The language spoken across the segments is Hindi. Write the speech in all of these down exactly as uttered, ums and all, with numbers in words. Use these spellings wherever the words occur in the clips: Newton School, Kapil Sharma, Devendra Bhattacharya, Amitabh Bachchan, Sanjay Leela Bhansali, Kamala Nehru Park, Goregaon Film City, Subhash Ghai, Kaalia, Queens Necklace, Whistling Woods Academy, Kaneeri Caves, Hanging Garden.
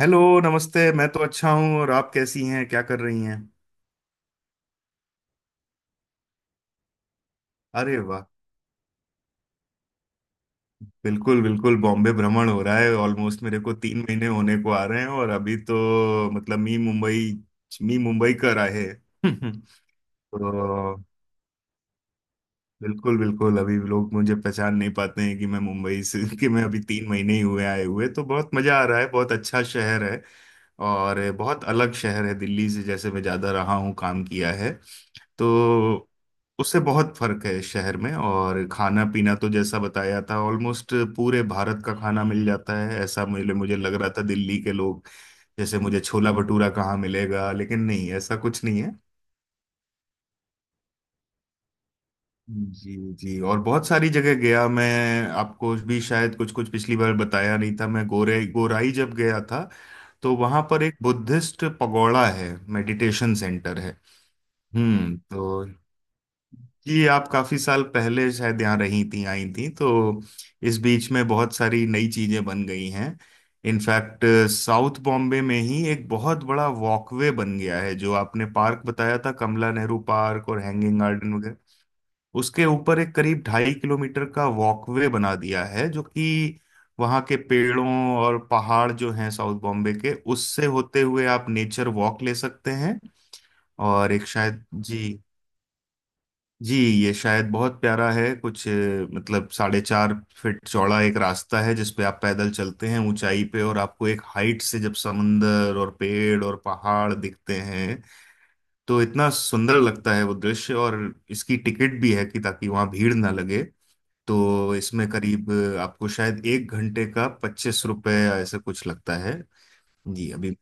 हेलो नमस्ते। मैं तो अच्छा हूँ। और आप कैसी हैं? क्या कर रही हैं? अरे वाह। बिल्कुल बिल्कुल, बॉम्बे भ्रमण हो रहा है। ऑलमोस्ट मेरे को तीन महीने होने को आ रहे हैं और अभी तो मतलब मी मुंबई मी मुंबई कर आए हैं। तो बिल्कुल बिल्कुल, अभी लोग मुझे पहचान नहीं पाते हैं कि मैं मुंबई से कि मैं अभी तीन महीने ही हुए आए हुए। तो बहुत मजा आ रहा है, बहुत अच्छा शहर है। और बहुत अलग शहर है दिल्ली से, जैसे मैं ज्यादा रहा हूँ, काम किया है। तो उससे बहुत फर्क है शहर में। और खाना पीना तो जैसा बताया था, ऑलमोस्ट पूरे भारत का खाना मिल जाता है। ऐसा मुझे मुझे लग रहा था दिल्ली के लोग, जैसे मुझे छोला भटूरा कहाँ मिलेगा, लेकिन नहीं, ऐसा कुछ नहीं है। जी जी, और बहुत सारी जगह गया मैं। आपको भी शायद कुछ कुछ पिछली बार बताया नहीं था, मैं गोरे गोराई जब गया था तो वहां पर एक बुद्धिस्ट पगोड़ा है, मेडिटेशन सेंटर है। हम्म, तो ये आप काफी साल पहले शायद यहाँ रही थी, आई थी, तो इस बीच में बहुत सारी नई चीजें बन गई हैं। इनफैक्ट साउथ बॉम्बे में ही एक बहुत बड़ा वॉकवे बन गया है, जो आपने पार्क बताया था कमला नेहरू पार्क और हैंगिंग गार्डन वगैरह, उसके ऊपर एक करीब ढाई किलोमीटर का वॉकवे बना दिया है। जो कि वहाँ के पेड़ों और पहाड़ जो हैं साउथ बॉम्बे के, उससे होते हुए आप नेचर वॉक ले सकते हैं। और एक शायद जी जी, ये शायद बहुत प्यारा है कुछ अ, मतलब साढ़े चार फीट चौड़ा एक रास्ता है जिसपे आप पैदल चलते हैं ऊंचाई पे, और आपको एक हाइट से जब समंदर और पेड़ और पहाड़ दिखते हैं तो इतना सुंदर लगता है वो दृश्य। और इसकी टिकट भी है कि ताकि वहां भीड़ ना लगे। तो इसमें करीब अ, आपको शायद एक घंटे का पच्चीस रुपए ऐसा कुछ लगता है। जी अभी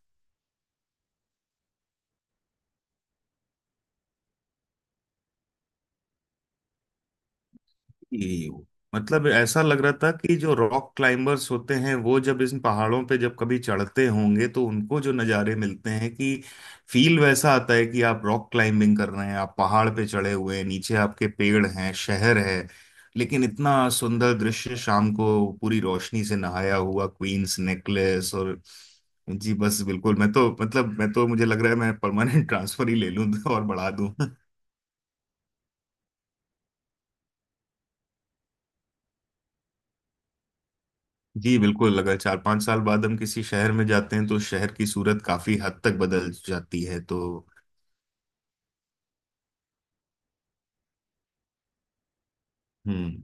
कि मतलब ऐसा लग रहा था कि जो रॉक क्लाइंबर्स होते हैं वो जब इन पहाड़ों पे जब कभी चढ़ते होंगे तो उनको जो नज़ारे मिलते हैं कि, फील वैसा आता है कि आप रॉक क्लाइंबिंग कर रहे हैं, आप पहाड़ पे चढ़े हुए हैं, नीचे आपके पेड़ हैं, शहर है। लेकिन इतना सुंदर दृश्य शाम को पूरी रोशनी से नहाया हुआ क्वींस नेकलेस और जी, बस बिल्कुल। मैं तो मतलब मैं तो मुझे लग रहा है मैं परमानेंट ट्रांसफर ही ले लूं और बढ़ा दूं। जी बिल्कुल, अगर चार पांच साल बाद हम किसी शहर में जाते हैं तो शहर की सूरत काफी हद तक बदल जाती है। तो हम्म।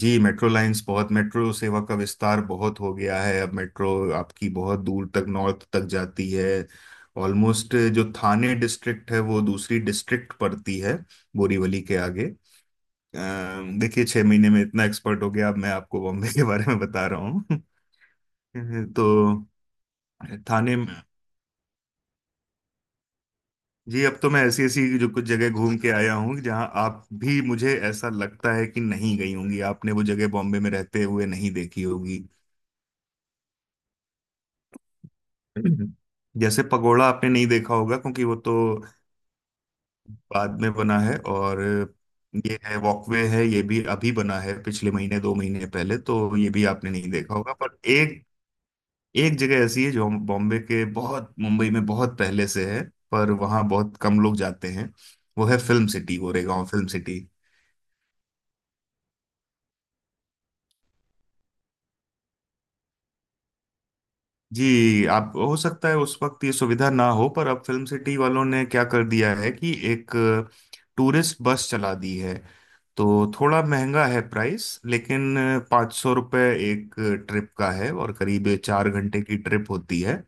जी मेट्रो लाइंस बहुत, मेट्रो सेवा का विस्तार बहुत हो गया है। अब मेट्रो आपकी बहुत दूर तक नॉर्थ तक जाती है। ऑलमोस्ट जो थाने डिस्ट्रिक्ट है वो दूसरी डिस्ट्रिक्ट पड़ती है, बोरीवली के आगे। अम, देखिए छह महीने में इतना एक्सपर्ट हो गया, अब मैं आपको बॉम्बे के बारे में बता रहा हूँ। तो थाने। जी अब तो मैं ऐसी ऐसी जो कुछ जगह घूम के आया हूँ जहाँ आप भी, मुझे ऐसा लगता है कि नहीं गई होंगी, आपने वो जगह बॉम्बे में रहते हुए नहीं देखी होगी। हम्म। जैसे पगोड़ा आपने नहीं देखा होगा क्योंकि वो तो बाद में बना है। और ये है वॉकवे है, ये भी अभी बना है, पिछले महीने दो महीने पहले, तो ये भी आपने नहीं देखा होगा। पर एक एक जगह ऐसी है जो हम- बॉम्बे के बहुत मुंबई में बहुत पहले से है, पर वहाँ बहुत कम लोग जाते हैं। वो है Film City, Goregaon Film City. जी आप, हो सकता है उस वक्त ये सुविधा ना हो, पर अब फिल्म सिटी वालों ने क्या कर दिया है कि एक टूरिस्ट बस चला दी है। तो थोड़ा महंगा है प्राइस, लेकिन पाँच सौ रुपये एक ट्रिप का है और करीब चार घंटे की ट्रिप होती है।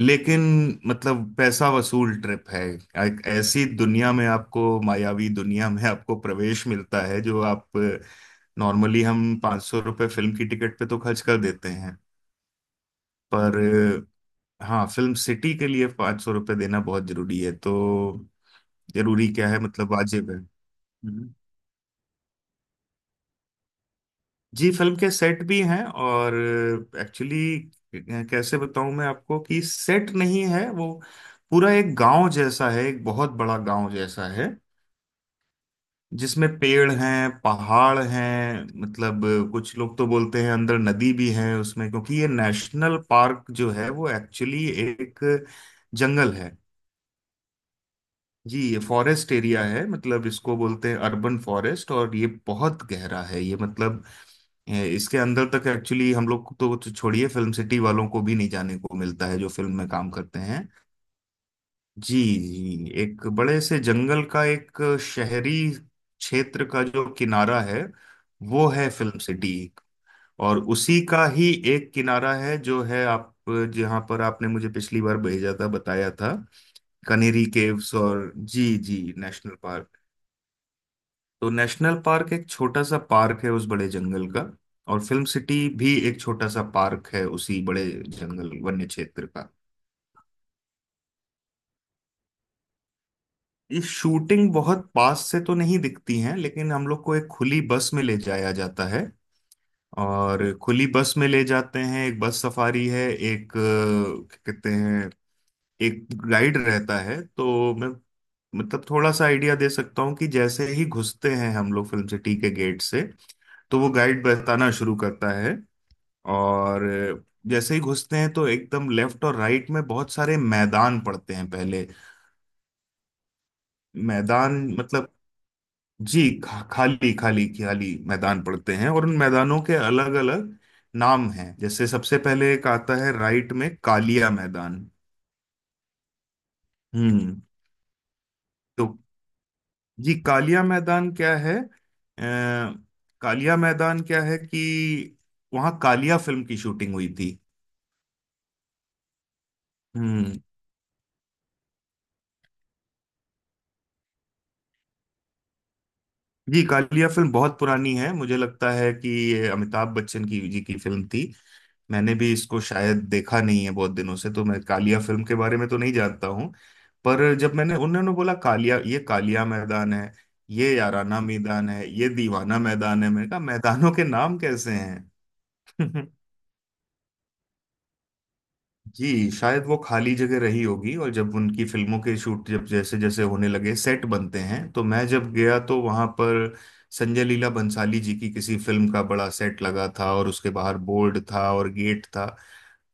लेकिन मतलब पैसा वसूल ट्रिप है। एक ऐसी दुनिया में, आपको मायावी दुनिया में आपको प्रवेश मिलता है जो आप, नॉर्मली हम पाँच सौ रुपये फिल्म की टिकट पे तो खर्च कर देते हैं। पर हाँ फिल्म सिटी के लिए पाँच सौ रुपये देना बहुत जरूरी है। तो जरूरी क्या है, मतलब वाजिब है। हम्म। जी फिल्म के सेट भी हैं, और एक्चुअली कैसे बताऊं मैं आपको, कि सेट नहीं है वो, पूरा एक गांव जैसा है, एक बहुत बड़ा गांव जैसा है। जिसमें पेड़ हैं, पहाड़ हैं, मतलब कुछ लोग तो बोलते हैं अंदर नदी भी है उसमें। क्योंकि ये नेशनल पार्क जो है वो एक्चुअली एक जंगल है। जी ये फॉरेस्ट एरिया है, मतलब इसको बोलते हैं अर्बन फॉरेस्ट। और ये बहुत गहरा है ये, मतलब ए, इसके अंदर तक एक्चुअली हम लोग को तो छोड़िए, फिल्म सिटी वालों को भी नहीं जाने को मिलता है जो फिल्म में काम करते हैं। जी जी, एक बड़े से जंगल का एक शहरी क्षेत्र का जो किनारा है वो है फिल्म सिटी। और उसी का ही एक किनारा है जो है आप, जहाँ पर आपने मुझे पिछली बार भेजा था बताया था, कनेरी केव्स और जी जी नेशनल पार्क। तो नेशनल पार्क एक छोटा सा पार्क है उस बड़े जंगल का, और फिल्म सिटी भी एक छोटा सा पार्क है उसी बड़े जंगल वन्य क्षेत्र का। ये शूटिंग बहुत पास से तो नहीं दिखती हैं, लेकिन हम लोग को एक खुली बस में ले जाया जाता है। और खुली बस में ले जाते हैं, एक बस सफारी है, एक अ, क्या कहते हैं, एक गाइड रहता है। तो मैं, मतलब थोड़ा सा आइडिया दे सकता हूँ कि जैसे ही घुसते हैं हम लोग फिल्म सिटी के गेट से, तो वो गाइड बताना शुरू करता है। और जैसे ही घुसते हैं तो एकदम लेफ्ट और राइट में बहुत सारे मैदान पड़ते हैं पहले। मैदान मतलब, जी खा, खाली खाली खाली मैदान पड़ते हैं, और उन मैदानों के अलग अलग नाम हैं। जैसे सबसे पहले एक आता है राइट में, कालिया मैदान। हम्म, तो जी कालिया मैदान क्या है, आ, कालिया मैदान क्या है कि वहाँ कालिया फिल्म की शूटिंग हुई थी। हम्म। जी कालिया फिल्म बहुत पुरानी है, मुझे लगता है कि ये अमिताभ बच्चन की जी की फिल्म थी। मैंने भी इसको शायद देखा नहीं है बहुत दिनों से, तो मैं कालिया फिल्म के बारे में तो नहीं जानता हूँ। पर जब मैंने, उन्होंने बोला कालिया, ये कालिया मैदान है, ये याराना मैदान है, ये दीवाना मैदान है, मैंने कहा मैदानों के नाम कैसे हैं। जी शायद वो खाली जगह रही होगी, और जब उनकी फिल्मों के शूट जब जैसे जैसे होने लगे, सेट बनते हैं। तो मैं जब गया तो वहां पर संजय लीला बंसाली जी की किसी फिल्म का बड़ा सेट लगा था, और उसके बाहर बोर्ड था और गेट था।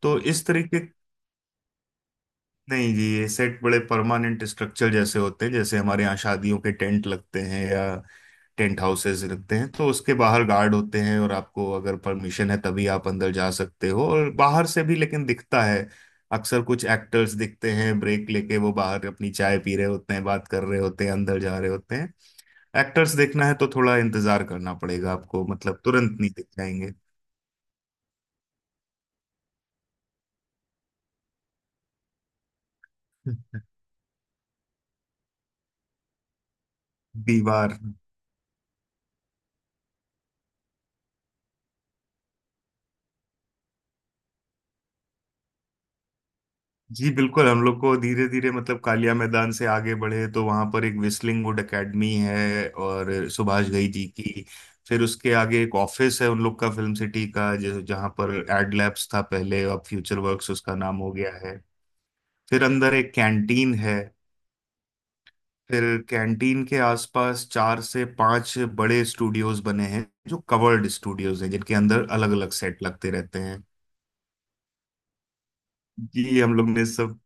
तो इस तरीके, नहीं जी ये सेट बड़े परमानेंट स्ट्रक्चर जैसे होते हैं, जैसे हमारे यहाँ शादियों के टेंट लगते हैं या टेंट हाउसेस रखते हैं। तो उसके बाहर गार्ड होते हैं, और आपको अगर परमिशन है तभी आप अंदर जा सकते हो। और बाहर से भी लेकिन दिखता है अक्सर, कुछ एक्टर्स दिखते हैं ब्रेक लेके, वो बाहर अपनी चाय पी रहे होते हैं, बात कर रहे होते हैं, अंदर जा रहे होते हैं। एक्टर्स देखना है तो थोड़ा इंतजार करना पड़ेगा आपको, मतलब तुरंत नहीं दिख जाएंगे। दीवार। जी बिल्कुल, हम लोग को धीरे धीरे, मतलब कालिया मैदान से आगे बढ़े तो वहां पर एक विस्लिंग वुड एकेडमी है और सुभाष घई जी की, फिर उसके आगे एक ऑफिस है उन लोग का फिल्म सिटी का, जो जहाँ पर एड लैब्स था पहले, अब फ्यूचर वर्क्स उसका नाम हो गया है। फिर अंदर एक कैंटीन है। फिर कैंटीन के आसपास चार से पांच बड़े स्टूडियोज बने हैं, जो कवर्ड स्टूडियोज हैं, जिनके अंदर अलग अलग सेट लगते रहते हैं। जी हम लोग ने सब,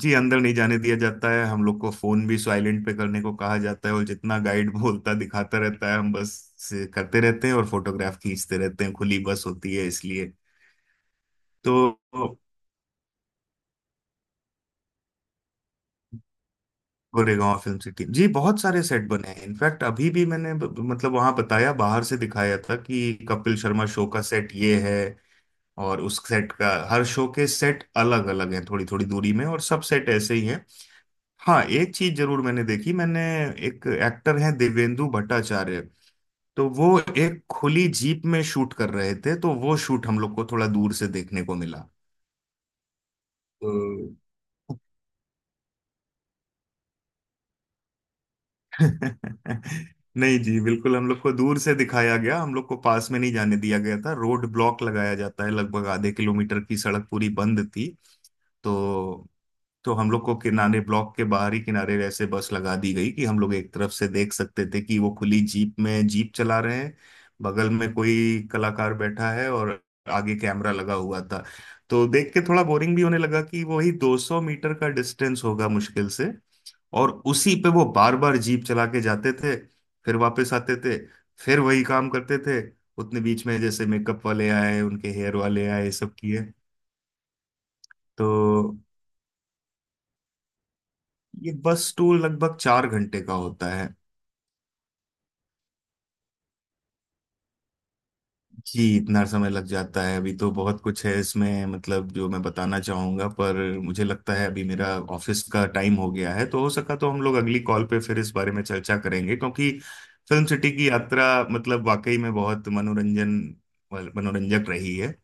जी अंदर नहीं जाने दिया जाता है हम लोग को। फोन भी साइलेंट पे करने को कहा जाता है, और जितना गाइड बोलता दिखाता रहता है हम बस से करते रहते हैं, और फोटोग्राफ खींचते रहते हैं, खुली बस होती है इसलिए। तो गोरेगांव फिल्म सिटी जी बहुत सारे सेट बने हैं। इनफैक्ट अभी भी मैंने ब- मतलब वहां बताया, बाहर से दिखाया था कि कपिल शर्मा शो का सेट ये है। और उस सेट का हर शो के सेट अलग अलग हैं, थोड़ी थोड़ी दूरी में, और सब सेट ऐसे ही हैं। हाँ एक चीज जरूर मैंने देखी, मैंने, एक एक्टर हैं देवेंदु भट्टाचार्य, तो वो एक खुली जीप में शूट कर रहे थे, तो वो शूट हम लोग को थोड़ा दूर से देखने को मिला। तो नहीं जी बिल्कुल, हम लोग को दूर से दिखाया गया, हम लोग को पास में नहीं जाने दिया गया था। रोड ब्लॉक लगाया जाता है, लगभग आधे किलोमीटर की सड़क पूरी बंद थी। तो तो हम लोग को किनारे, ब्लॉक के बाहरी किनारे ऐसे बस लगा दी गई कि हम लोग एक तरफ से देख सकते थे, कि वो खुली जीप में जीप चला रहे हैं, बगल में कोई कलाकार बैठा है, और आगे कैमरा लगा हुआ था। तो देख के थोड़ा बोरिंग भी होने लगा कि वही दो सौ मीटर का डिस्टेंस होगा मुश्किल से, और उसी पे वो बार बार जीप चला के जाते थे, फिर वापस आते थे, फिर वही काम करते थे। उतने बीच में जैसे मेकअप वाले आए, उनके हेयर वाले आए, सब किए। तो ये बस टूर लगभग चार घंटे का होता है। जी इतना समय लग जाता है, अभी तो बहुत कुछ है इसमें मतलब जो मैं बताना चाहूंगा, पर मुझे लगता है अभी मेरा ऑफिस का टाइम हो गया है। तो हो सका तो हम लोग अगली कॉल पे फिर इस बारे में चर्चा करेंगे, क्योंकि फिल्म सिटी की यात्रा मतलब वाकई में बहुत मनोरंजन मनोरंजक रही है।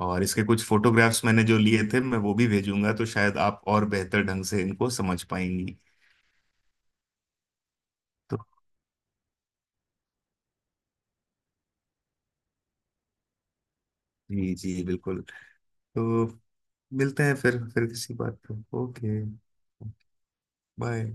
और इसके कुछ फोटोग्राफ्स मैंने जो लिए थे मैं वो भी भेजूंगा, तो शायद आप और बेहतर ढंग से इनको समझ पाएंगी। तो जी जी बिल्कुल। तो मिलते हैं फिर फिर किसी बात पे ओके, बाय।